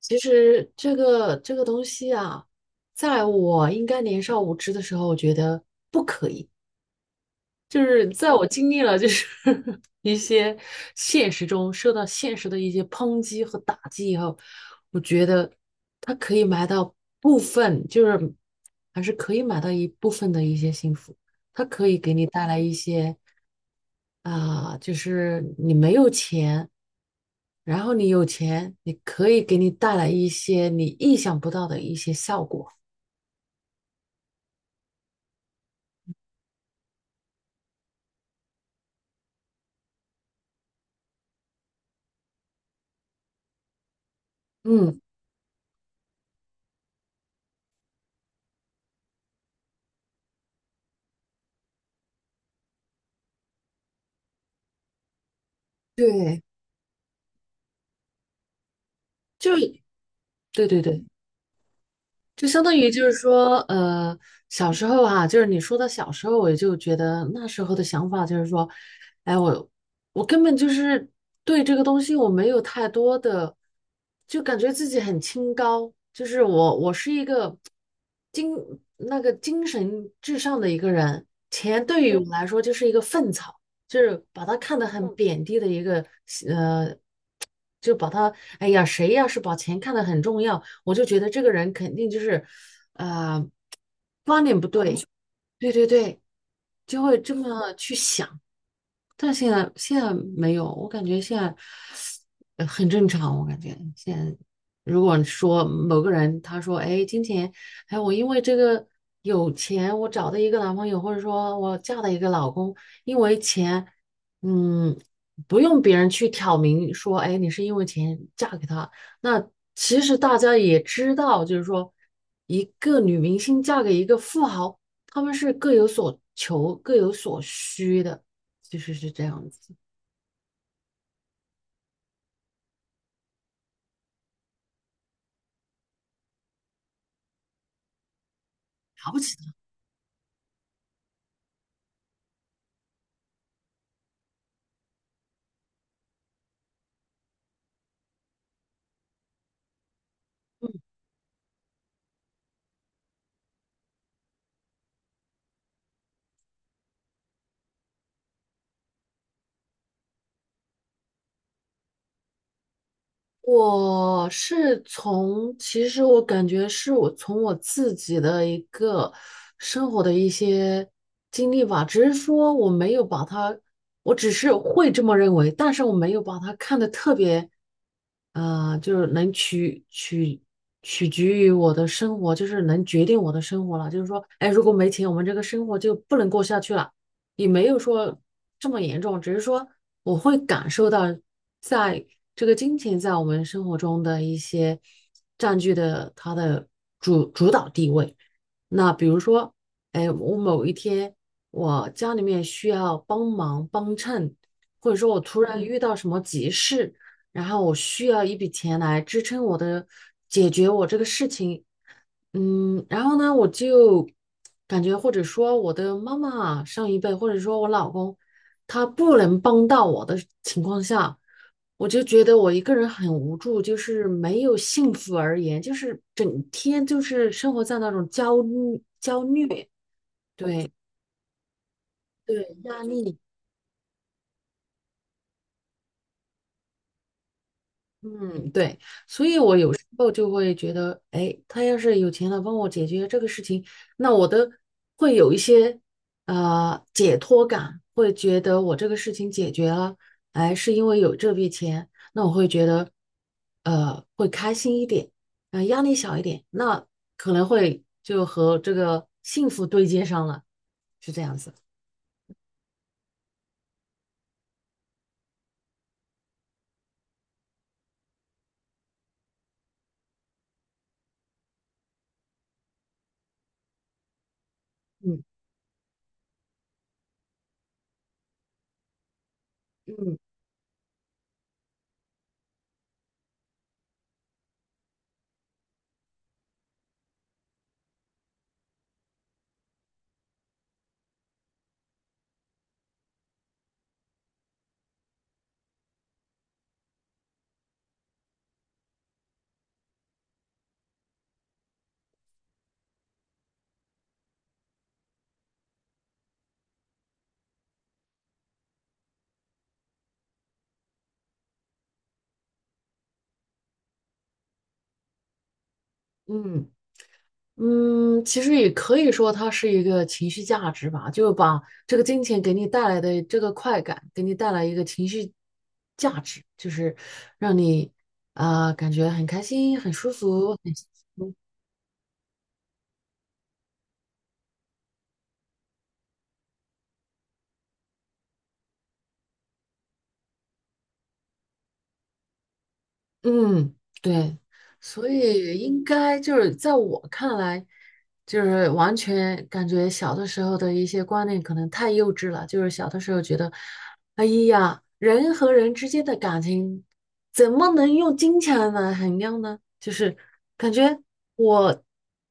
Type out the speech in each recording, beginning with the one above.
其实这个东西啊，在我应该年少无知的时候，我觉得不可以。就是在我经历了一些现实中受到现实的一些抨击和打击以后，我觉得它可以买到部分，就是还是可以买到一部分的一些幸福，它可以给你带来一些。啊、就是你没有钱，然后你有钱，你可以给你带来一些你意想不到的一些效果。嗯，对，就对对对，就相当于就是说，小时候哈，就是你说的小时候，我就觉得那时候的想法就是说，哎，我根本就是对这个东西我没有太多的，就感觉自己很清高，就是我是一个精那个精神至上的一个人，钱对于我来说就是一个粪草，就是把它看得很贬低的一个呃就把他，哎呀，谁要是把钱看得很重要，我就觉得这个人肯定就是，呃，对对对，就会这么去想。但现在没有，我感觉现在很正常。我感觉现在，如果说某个人他说，哎，金钱，哎，我因为这个有钱，我找到一个男朋友，或者说我嫁了一个老公，因为钱，嗯，不用别人去挑明说，哎，你是因为钱嫁给他。那其实大家也知道，就是说，一个女明星嫁给一个富豪，他们是各有所求、各有所需的。其实是这样子。了不起的，我是从，其实我感觉是我从我自己的一个生活的一些经历吧，只是说我没有把它，我只是会这么认为，但是我没有把它看得特别，就是能取决于我的生活，就是能决定我的生活了。就是说，哎，如果没钱，我们这个生活就不能过下去了。也没有说这么严重，只是说我会感受到，在这个金钱在我们生活中的一些占据的它的主导地位。那比如说，哎，我某一天我家里面需要帮忙帮衬，或者说我突然遇到什么急事，然后我需要一笔钱来支撑我的解决我这个事情。嗯，然后呢，我就感觉或者说我的妈妈上一辈，或者说我老公，他不能帮到我的情况下，我就觉得我一个人很无助，就是没有幸福而言，就是整天就是生活在那种焦虑、焦虑，对对，压力。嗯，对，所以我有时候就会觉得，哎，他要是有钱了，帮我解决这个事情，那我的会有一些解脱感，会觉得我这个事情解决了，哎，是因为有这笔钱，那我会觉得会开心一点，压力小一点，那可能会就和这个幸福对接上了，是这样子。嗯嗯嗯。嗯，其实也可以说它是一个情绪价值吧，就把这个金钱给你带来的这个快感，给你带来一个情绪价值，就是让你啊、感觉很开心、很舒服、很幸福嗯，对，所以应该就是在我看来，就是完全感觉小的时候的一些观念可能太幼稚了。就是小的时候觉得，哎呀，人和人之间的感情怎么能用金钱来衡量呢？就是感觉我，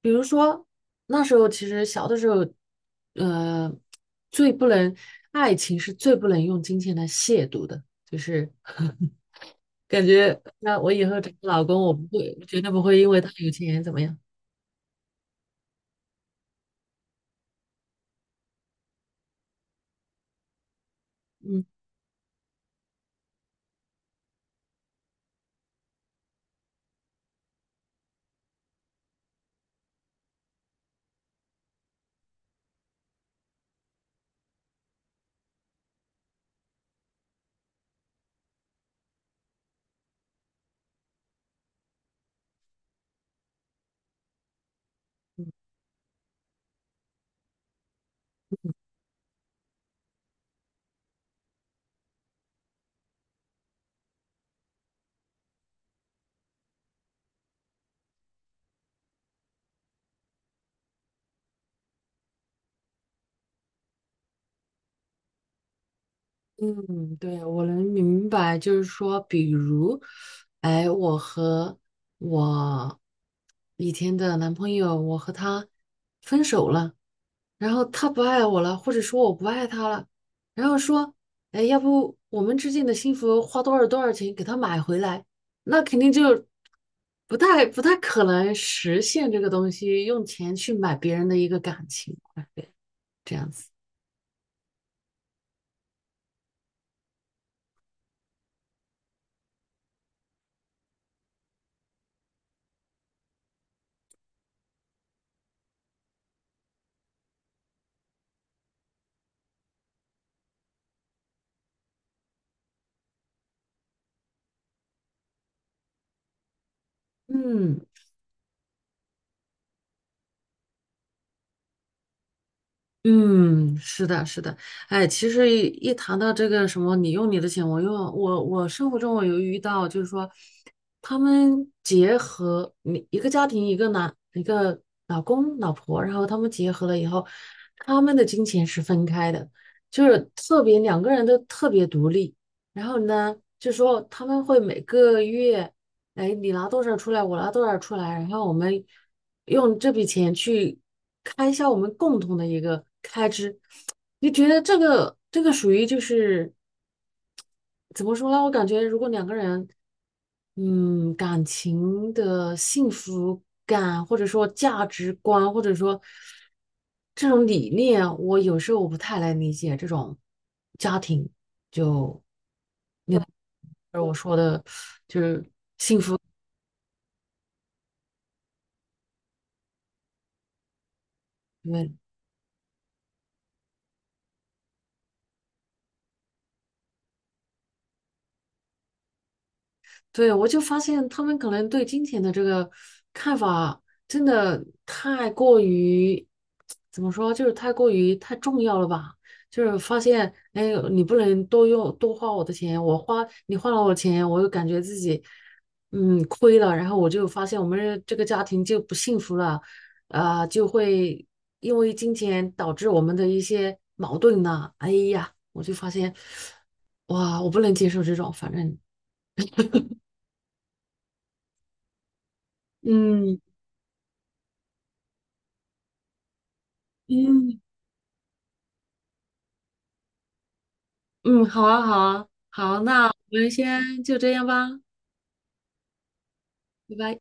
比如说那时候其实小的时候，呃，最不能，爱情是最不能用金钱来亵渎的，就是。感觉那我以后找个老公，我不会，绝对不会因为他有钱怎么样。嗯嗯，对，我能明白，就是说，比如，哎，我和我以前的男朋友，我和他分手了，然后他不爱我了，或者说我不爱他了，然后说，哎，要不我们之间的幸福花多少多少钱给他买回来？那肯定就不太可能实现这个东西，用钱去买别人的一个感情，这样子。嗯，嗯，是的，是的，哎，其实谈到这个什么，你用你的钱，我用我，我生活中我有遇到，就是说，他们结合你一个家庭，一个男，一个老公老婆，然后他们结合了以后，他们的金钱是分开的，就是特别两个人都特别独立，然后呢，就说他们会每个月，哎，你拿多少出来，我拿多少出来，然后我们用这笔钱去。开销，我们共同的一个开支，你觉得这个属于就是怎么说呢？我感觉如果两个人，嗯，感情的幸福感，或者说价值观，或者说这种理念，我有时候我不太能理解这种家庭，就就是我说的，就是。对，我就发现他们可能对金钱的这个看法真的太过于，怎么说，就是太过于太重要了吧？就是发现，哎，你不能多用多花我的钱，我花你花了我的钱，我又感觉自己亏了，然后我就发现我们这个家庭就不幸福了，啊、就会因为金钱导致我们的一些矛盾呐、哎呀，我就发现，哇，我不能接受这种，反正。嗯，嗯嗯，好啊，好啊，好，那我们先就这样吧，拜拜。